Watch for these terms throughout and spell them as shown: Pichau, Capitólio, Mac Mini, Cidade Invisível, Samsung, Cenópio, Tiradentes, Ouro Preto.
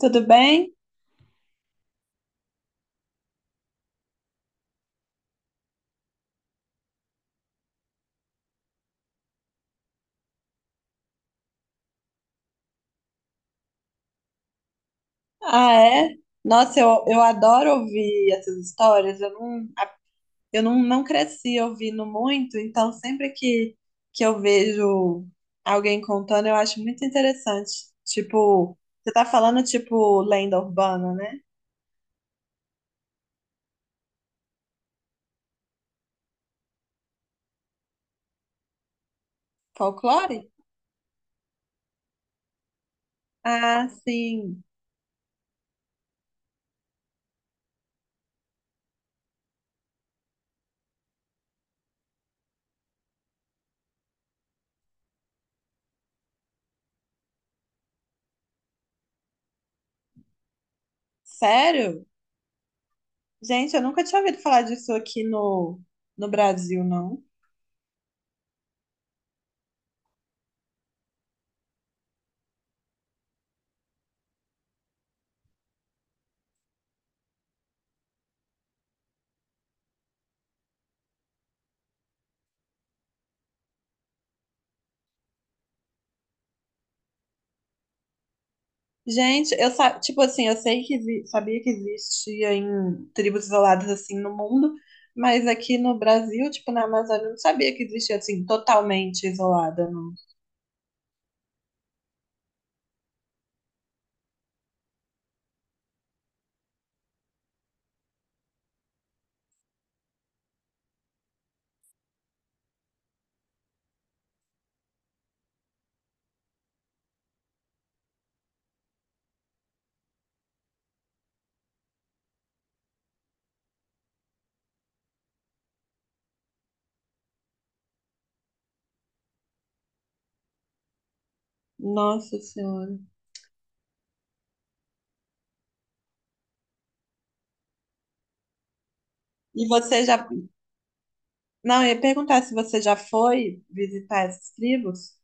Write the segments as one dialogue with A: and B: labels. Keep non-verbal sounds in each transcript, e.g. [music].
A: Tudo bem? Ah, é? Nossa, eu adoro ouvir essas histórias. Eu não cresci ouvindo muito, então sempre que eu vejo alguém contando, eu acho muito interessante. Tipo, você tá falando tipo lenda urbana, né? Folclore? Ah, sim. Sério? Gente, eu nunca tinha ouvido falar disso aqui no Brasil, não. Gente, tipo assim, eu sei que sabia que existia em tribos isoladas assim no mundo, mas aqui no Brasil, tipo na Amazônia, eu não sabia que existia assim totalmente isolada, não. Nossa Senhora. E você já, não, eu ia perguntar se você já foi visitar essas tribos?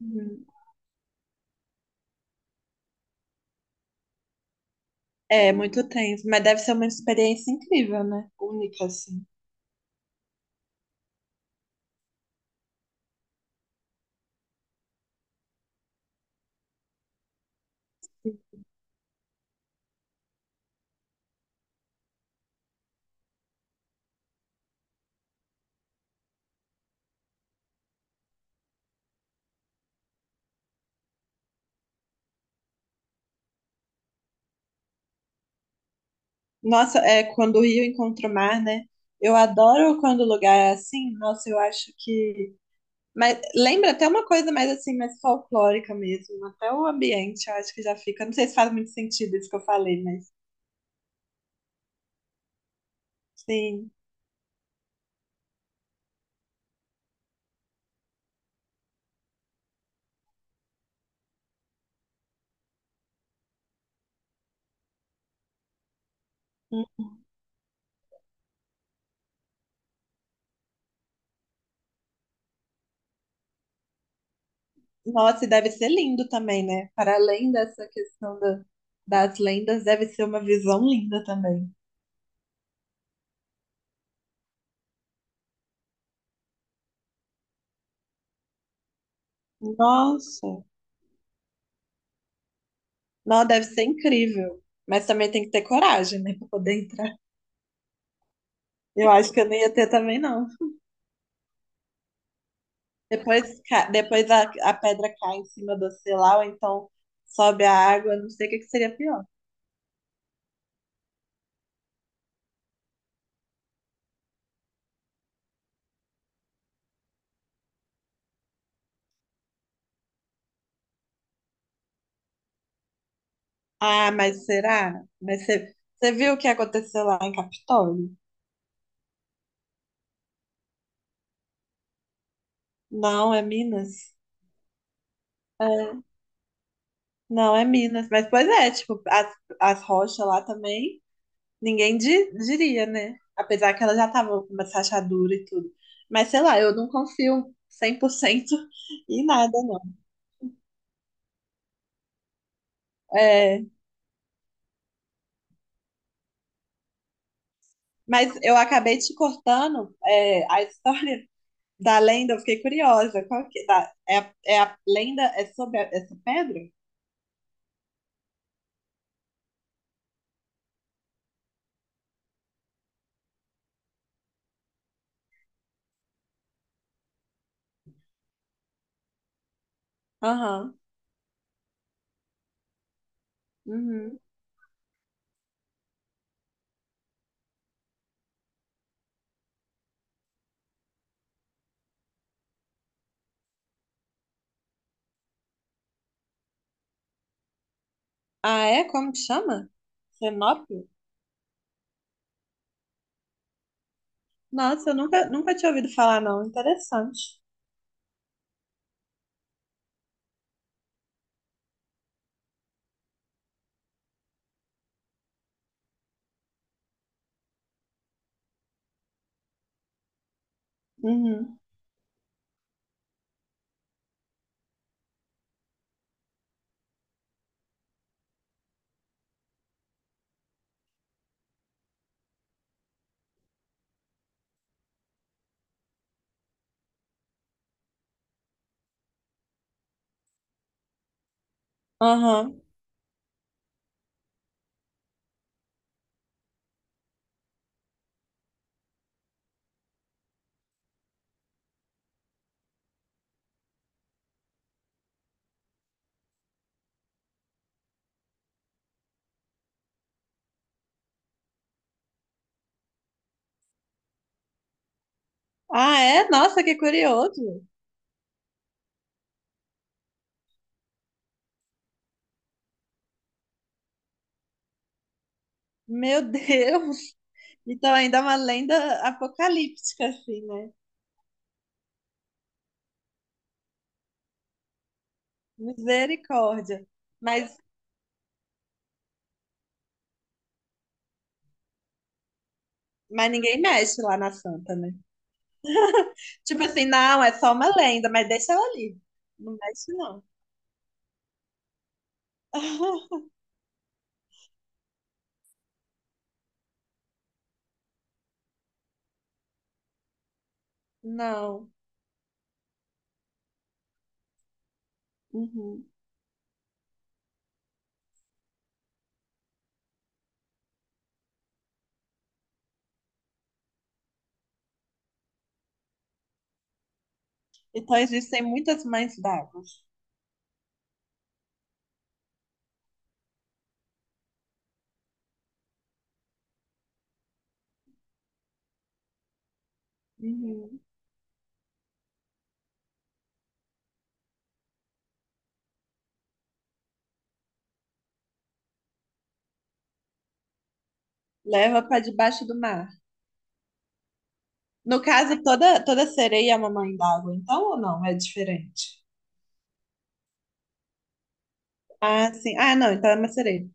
A: Uhum. É, muito tenso, mas deve ser uma experiência incrível, né? Única assim. Nossa, é quando o rio encontra o mar, né? Eu adoro quando o lugar é assim. Nossa, eu acho que mas lembra até uma coisa mais assim, mais folclórica mesmo. Até o ambiente, eu acho que já fica. Não sei se faz muito sentido isso que eu falei, mas sim. Hum. Nossa, e deve ser lindo também, né? Para além dessa questão da das lendas, deve ser uma visão linda também. Nossa, não, deve ser incrível. Mas também tem que ter coragem, né, para poder entrar. Eu acho que eu não ia ter também, não. Depois, depois a pedra cai em cima de você lá, ou então sobe a água, não sei o que que seria pior. Ah, mas será? Mas você viu o que aconteceu lá em Capitólio? Não, é Minas. É, não, é Minas. Mas, pois é, tipo, as rochas lá também, ninguém diria, né? Apesar que elas já estavam com uma rachadura e tudo. Mas, sei lá, eu não confio 100% [laughs] em nada, não. É, mas eu acabei te cortando, é, a história da lenda, eu fiquei curiosa. Qual que, da, é, a- é a lenda, é sobre essa pedra? Aham. Uhum. Ah, é? Como que chama? Cenópio? Nossa, eu nunca tinha ouvido falar, não. Interessante. Uhum. Aham. Ah, é? Nossa, que curioso. Meu Deus. [laughs] Então ainda é uma lenda apocalíptica, assim, né? Misericórdia. Mas, mas ninguém mexe lá na Santa, né? Tipo assim, não, é só uma lenda, mas deixa ela ali. Não mexe, não. [laughs] Não. Uhum. Então existem muitas mães d'água. Uhum. Leva para debaixo do mar. No caso, toda sereia é uma mãe d'água, então ou não? É diferente. Ah, sim. Ah, não, então é uma sereia.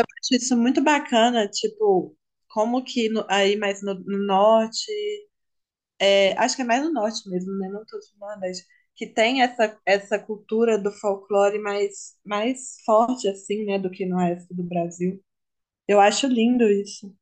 A: Acho isso muito bacana, tipo, como que aí mais no norte, é, acho que é mais no norte mesmo, né? Não todo no Nordeste, que tem essa cultura do folclore mais forte, assim, né, do que no resto do Brasil. Eu acho lindo isso.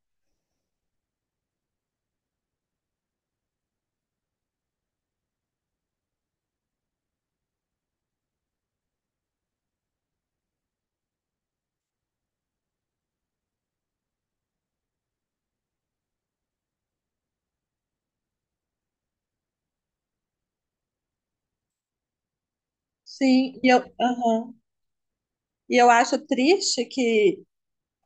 A: Sim, aham. E eu acho triste que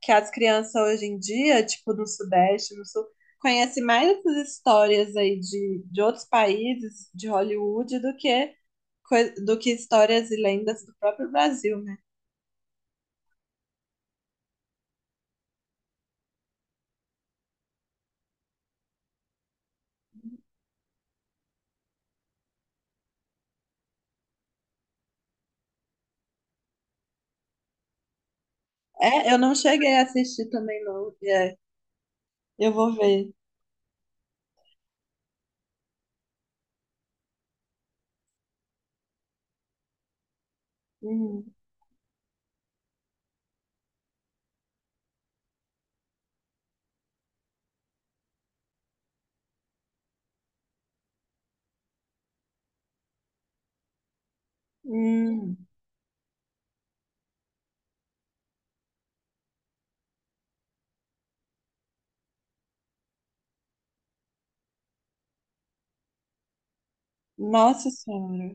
A: que as crianças hoje em dia, tipo no Sudeste, no Sul, conhecem mais essas histórias aí de outros países, de Hollywood, do que do que histórias e lendas do próprio Brasil, né? É, eu não cheguei a assistir também, não. É, eu vou ver. Hum, hum. Nossa Senhora.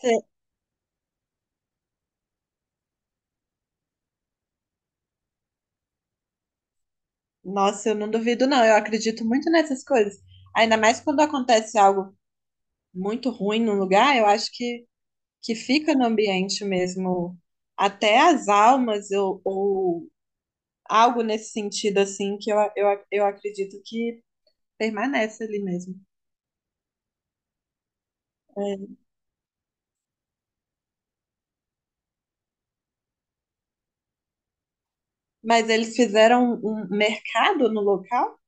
A: Cê- Nossa, eu não duvido, não. Eu acredito muito nessas coisas. Ainda mais quando acontece algo muito ruim num lugar, eu acho que fica no ambiente mesmo, até as almas ou algo nesse sentido assim que eu acredito que permanece ali mesmo. É. Mas eles fizeram um mercado no local,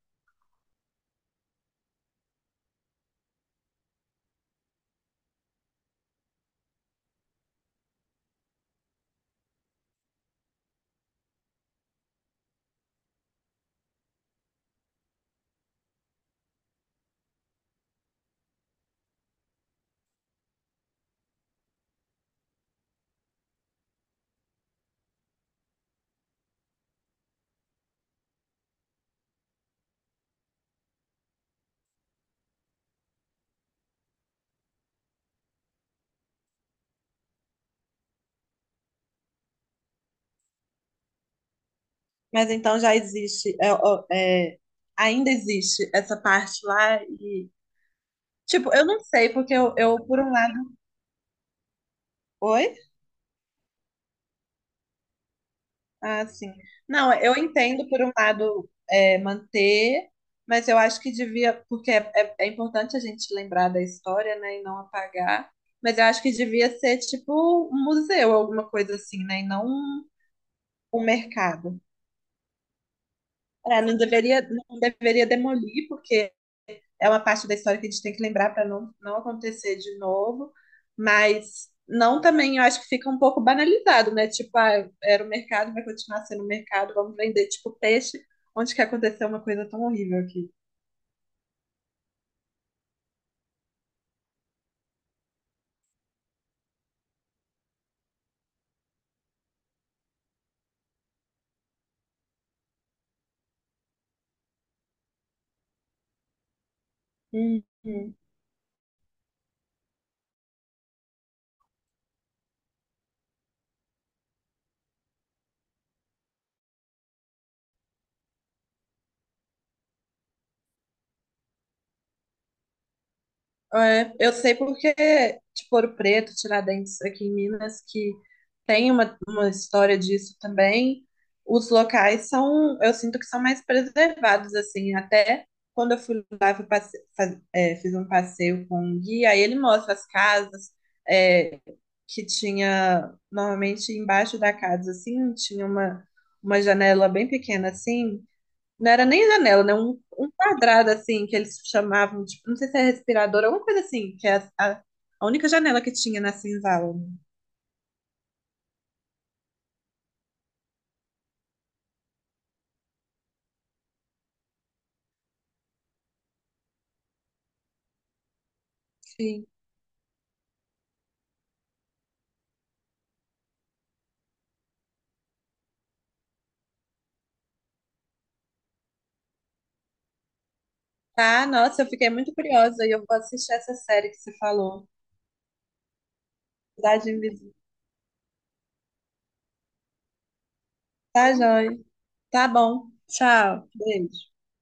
A: mas então já existe, é, ainda existe essa parte lá e tipo, eu não sei porque eu por um lado, oi. Ah, sim. Não, eu entendo por um lado é, manter, mas eu acho que devia, porque é importante a gente lembrar da história, né, e não apagar, mas eu acho que devia ser tipo um museu, alguma coisa assim, né, e não um, um mercado. É, não deveria demolir, porque é uma parte da história que a gente tem que lembrar para não acontecer de novo, mas não também, eu acho que fica um pouco banalizado, né? Tipo, ah, era o mercado, vai continuar sendo o mercado, vamos vender tipo peixe, onde que aconteceu uma coisa tão horrível aqui. Uhum. É, eu sei porque, tipo, Ouro Preto, Tiradentes, aqui em Minas, que tem uma história disso também, os locais são, eu sinto que são mais preservados, assim, até quando eu fui lá, fui passe- faz- é, fiz um passeio com um guia, aí ele mostra as casas, é, que tinha, normalmente embaixo da casa, assim, tinha uma janela bem pequena, assim, não era nem janela, né? Um quadrado assim que eles chamavam, tipo, não sei se é respirador, alguma coisa assim, que é a única janela que tinha na senzala. Sim. Tá, nossa, eu fiquei muito curiosa e eu vou assistir essa série que você falou. Cidade Invisível. Tá, joia. Tá bom. Tchau. Beijo.